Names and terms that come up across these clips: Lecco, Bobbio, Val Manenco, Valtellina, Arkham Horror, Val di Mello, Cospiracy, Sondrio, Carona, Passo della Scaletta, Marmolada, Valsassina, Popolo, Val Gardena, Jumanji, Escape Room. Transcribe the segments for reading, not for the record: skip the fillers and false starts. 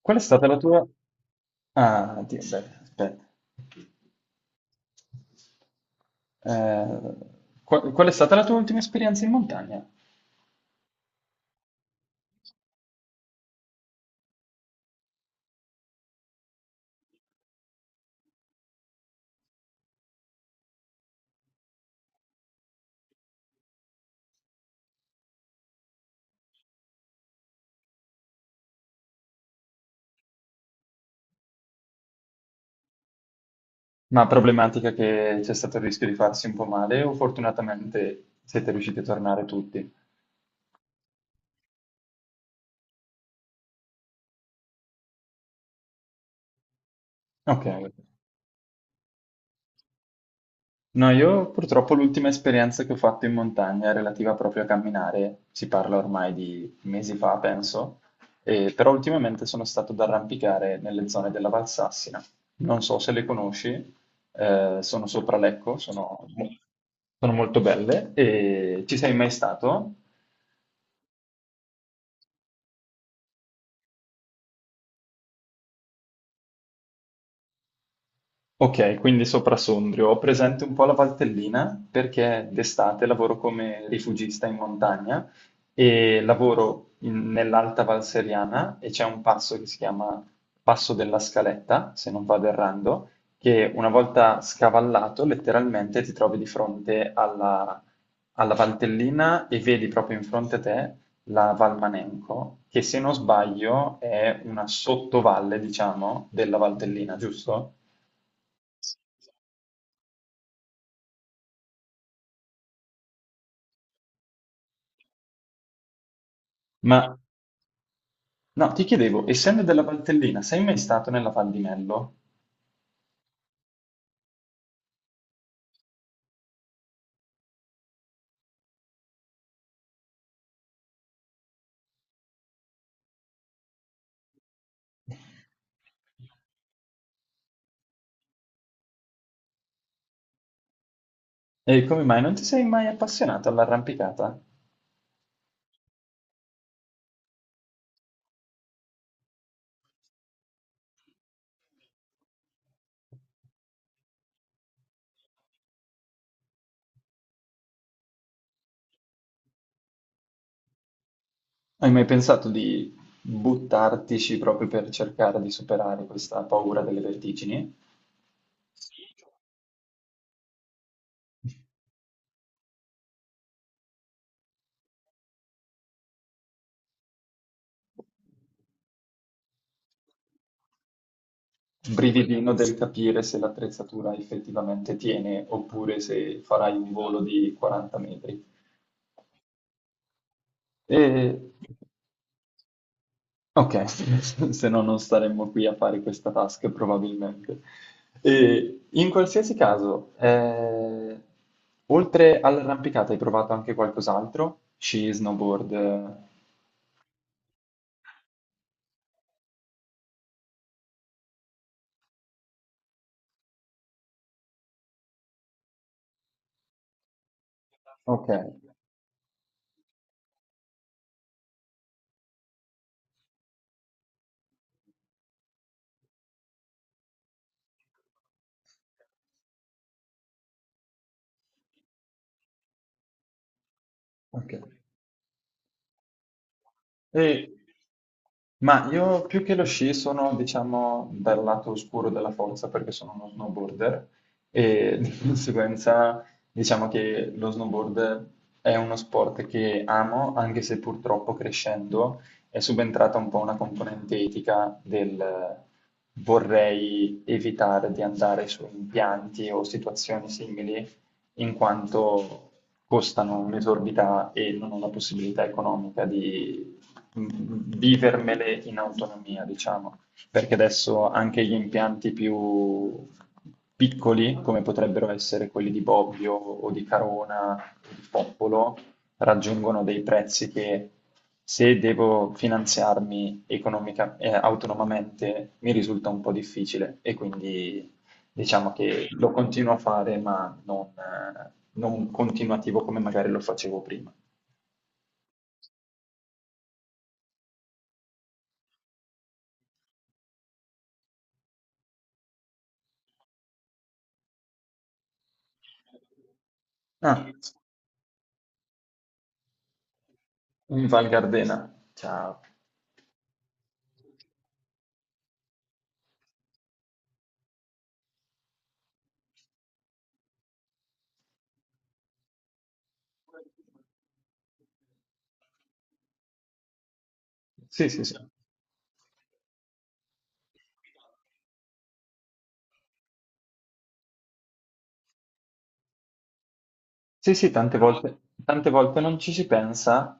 Qual è stata la tua. Ah, Dio, beh, aspetta. Eh, qual è stata la tua ultima esperienza in montagna? Ma problematica, che c'è stato il rischio di farsi un po' male o fortunatamente siete riusciti a tornare tutti? Ok. No, io purtroppo l'ultima esperienza che ho fatto in montagna è relativa proprio a camminare, si parla ormai di mesi fa, penso, però ultimamente sono stato ad arrampicare nelle zone della Valsassina. Non so se le conosci, sono sopra Lecco, sono molto belle. E ci sei mai stato? Ok, quindi sopra Sondrio. Ho presente un po' la Valtellina perché d'estate lavoro come rifugista in montagna e lavoro nell'Alta Val Seriana e c'è un passo che si chiama Passo della Scaletta, se non vado errando, che una volta scavallato letteralmente ti trovi di fronte alla, alla Valtellina e vedi proprio in fronte a te la Val Manenco, che se non sbaglio è una sottovalle, diciamo, della Valtellina, giusto? Ma no, ti chiedevo, essendo della Valtellina, sei mai stato nella Val di Mello? E come mai non ti sei mai appassionato all'arrampicata? Hai mai pensato di buttartici proprio per cercare di superare questa paura delle vertigini? Brividino del capire se l'attrezzatura effettivamente tiene oppure se farai un volo di 40 metri. E Ok, se no non staremmo qui a fare questa task probabilmente. E in qualsiasi caso, oltre all'arrampicata hai provato anche qualcos'altro? Sci, snowboard? Ok, ok. E- ma io, più che lo sci, sono, diciamo, dal lato oscuro della forza, perché sono uno snowboarder e di conseguenza diciamo che lo snowboard è uno sport che amo, anche se purtroppo, crescendo, è subentrata un po' una componente etica del vorrei evitare di andare su impianti o situazioni simili, in quanto costano un'esorbità e non ho la possibilità economica di vivermele in autonomia, diciamo, perché adesso anche gli impianti più piccoli, come potrebbero essere quelli di Bobbio o di Carona o di Popolo, raggiungono dei prezzi che, se devo finanziarmi autonomamente, mi risulta un po' difficile, e quindi diciamo che lo continuo a fare, ma non, non continuativo come magari lo facevo prima. Ah, in Val Gardena. Ciao. Sì, sì, sì. Sì, sì, tante però volte, tante volte non ci si pensa,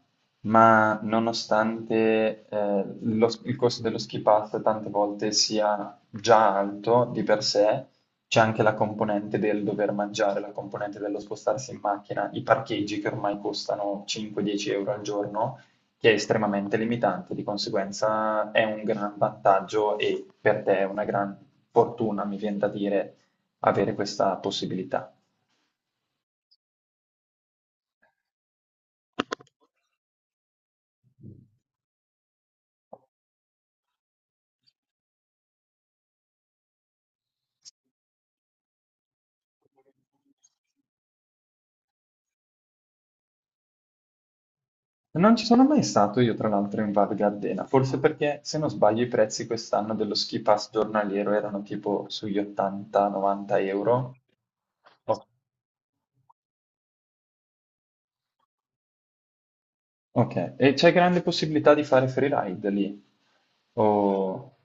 ma nonostante il costo dello ski pass tante volte sia già alto di per sé, c'è anche la componente del dover mangiare, la componente dello spostarsi in macchina, i parcheggi che ormai costano 5-10 euro al giorno, che è estremamente limitante. Di conseguenza è un gran vantaggio, e per te è una gran fortuna, mi viene da dire, avere questa possibilità. Non ci sono mai stato io, tra l'altro, in Val Gardena, forse perché, se non sbaglio, i prezzi quest'anno dello ski pass giornaliero erano tipo sugli 80-90 euro. Oh, ok, e c'è grande possibilità di fare freeride lì? Oh,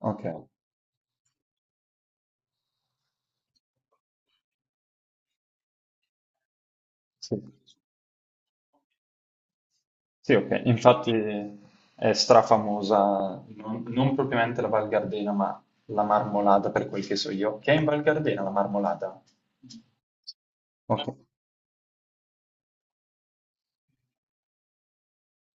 ok, sì. Sì, ok, infatti è strafamosa, non propriamente la Val Gardena, ma la Marmolada, per quel che so io. Che è in Val Gardena la Marmolada? Ok.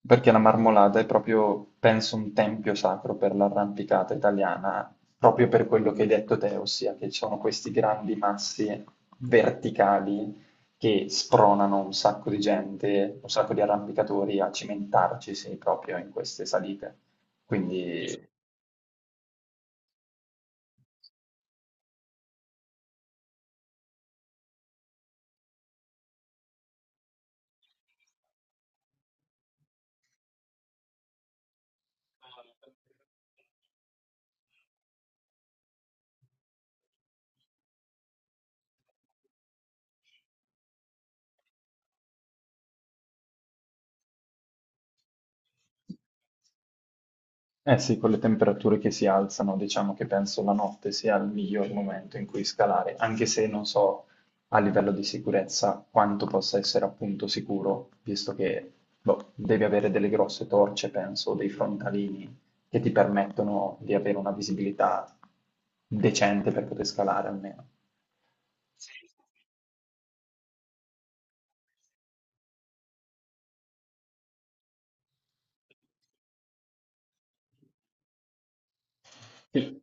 Perché la Marmolada è proprio, penso, un tempio sacro per l'arrampicata italiana, proprio per quello che hai detto te, ossia che ci sono questi grandi massi verticali che spronano un sacco di gente, un sacco di arrampicatori a cimentarcisi proprio in queste salite. Quindi Eh sì, con le temperature che si alzano, diciamo che penso la notte sia il miglior momento in cui scalare, anche se non so a livello di sicurezza quanto possa essere appunto sicuro, visto che, boh, devi avere delle grosse torce, penso, o dei frontalini che ti permettono di avere una visibilità decente per poter scalare almeno. Sì.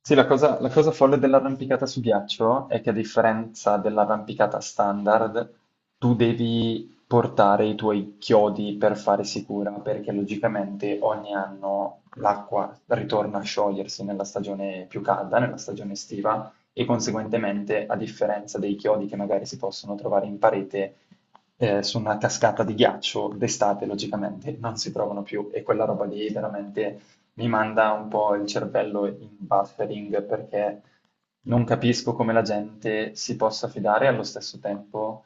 Sì, la cosa folle dell'arrampicata su ghiaccio è che, a differenza dell'arrampicata standard, tu devi portare i tuoi chiodi per fare sicura, perché logicamente ogni anno l'acqua ritorna a sciogliersi nella stagione più calda, nella stagione estiva, e conseguentemente, a differenza dei chiodi che magari si possono trovare in parete, su una cascata di ghiaccio d'estate logicamente non si trovano più, e quella roba lì veramente mi manda un po' il cervello in buffering, perché non capisco come la gente si possa fidare, e allo stesso tempo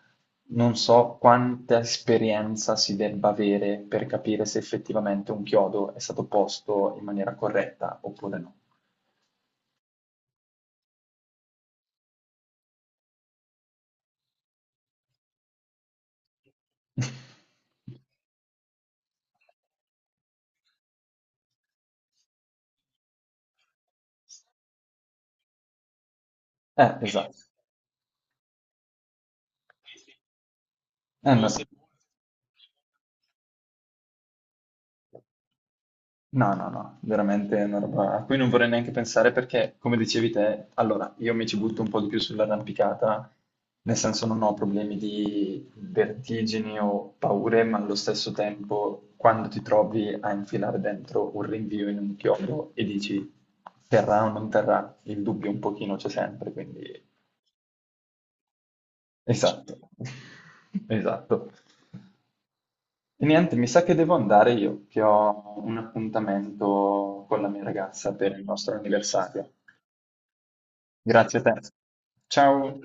non so quanta esperienza si debba avere per capire se effettivamente un chiodo è stato posto in maniera corretta oppure no. Esatto. No. No, no, no, veramente è una roba a cui non vorrei neanche pensare, perché, come dicevi te, allora io mi ci butto un po' di più sull'arrampicata, nel senso non ho problemi di vertigini o paure, ma allo stesso tempo quando ti trovi a infilare dentro un rinvio in un chiodo e dici terrà o non terrà, il dubbio un pochino c'è sempre, quindi esatto, esatto. E niente, mi sa che devo andare io, che ho un appuntamento con la mia ragazza per il nostro anniversario. Grazie a te. Ciao.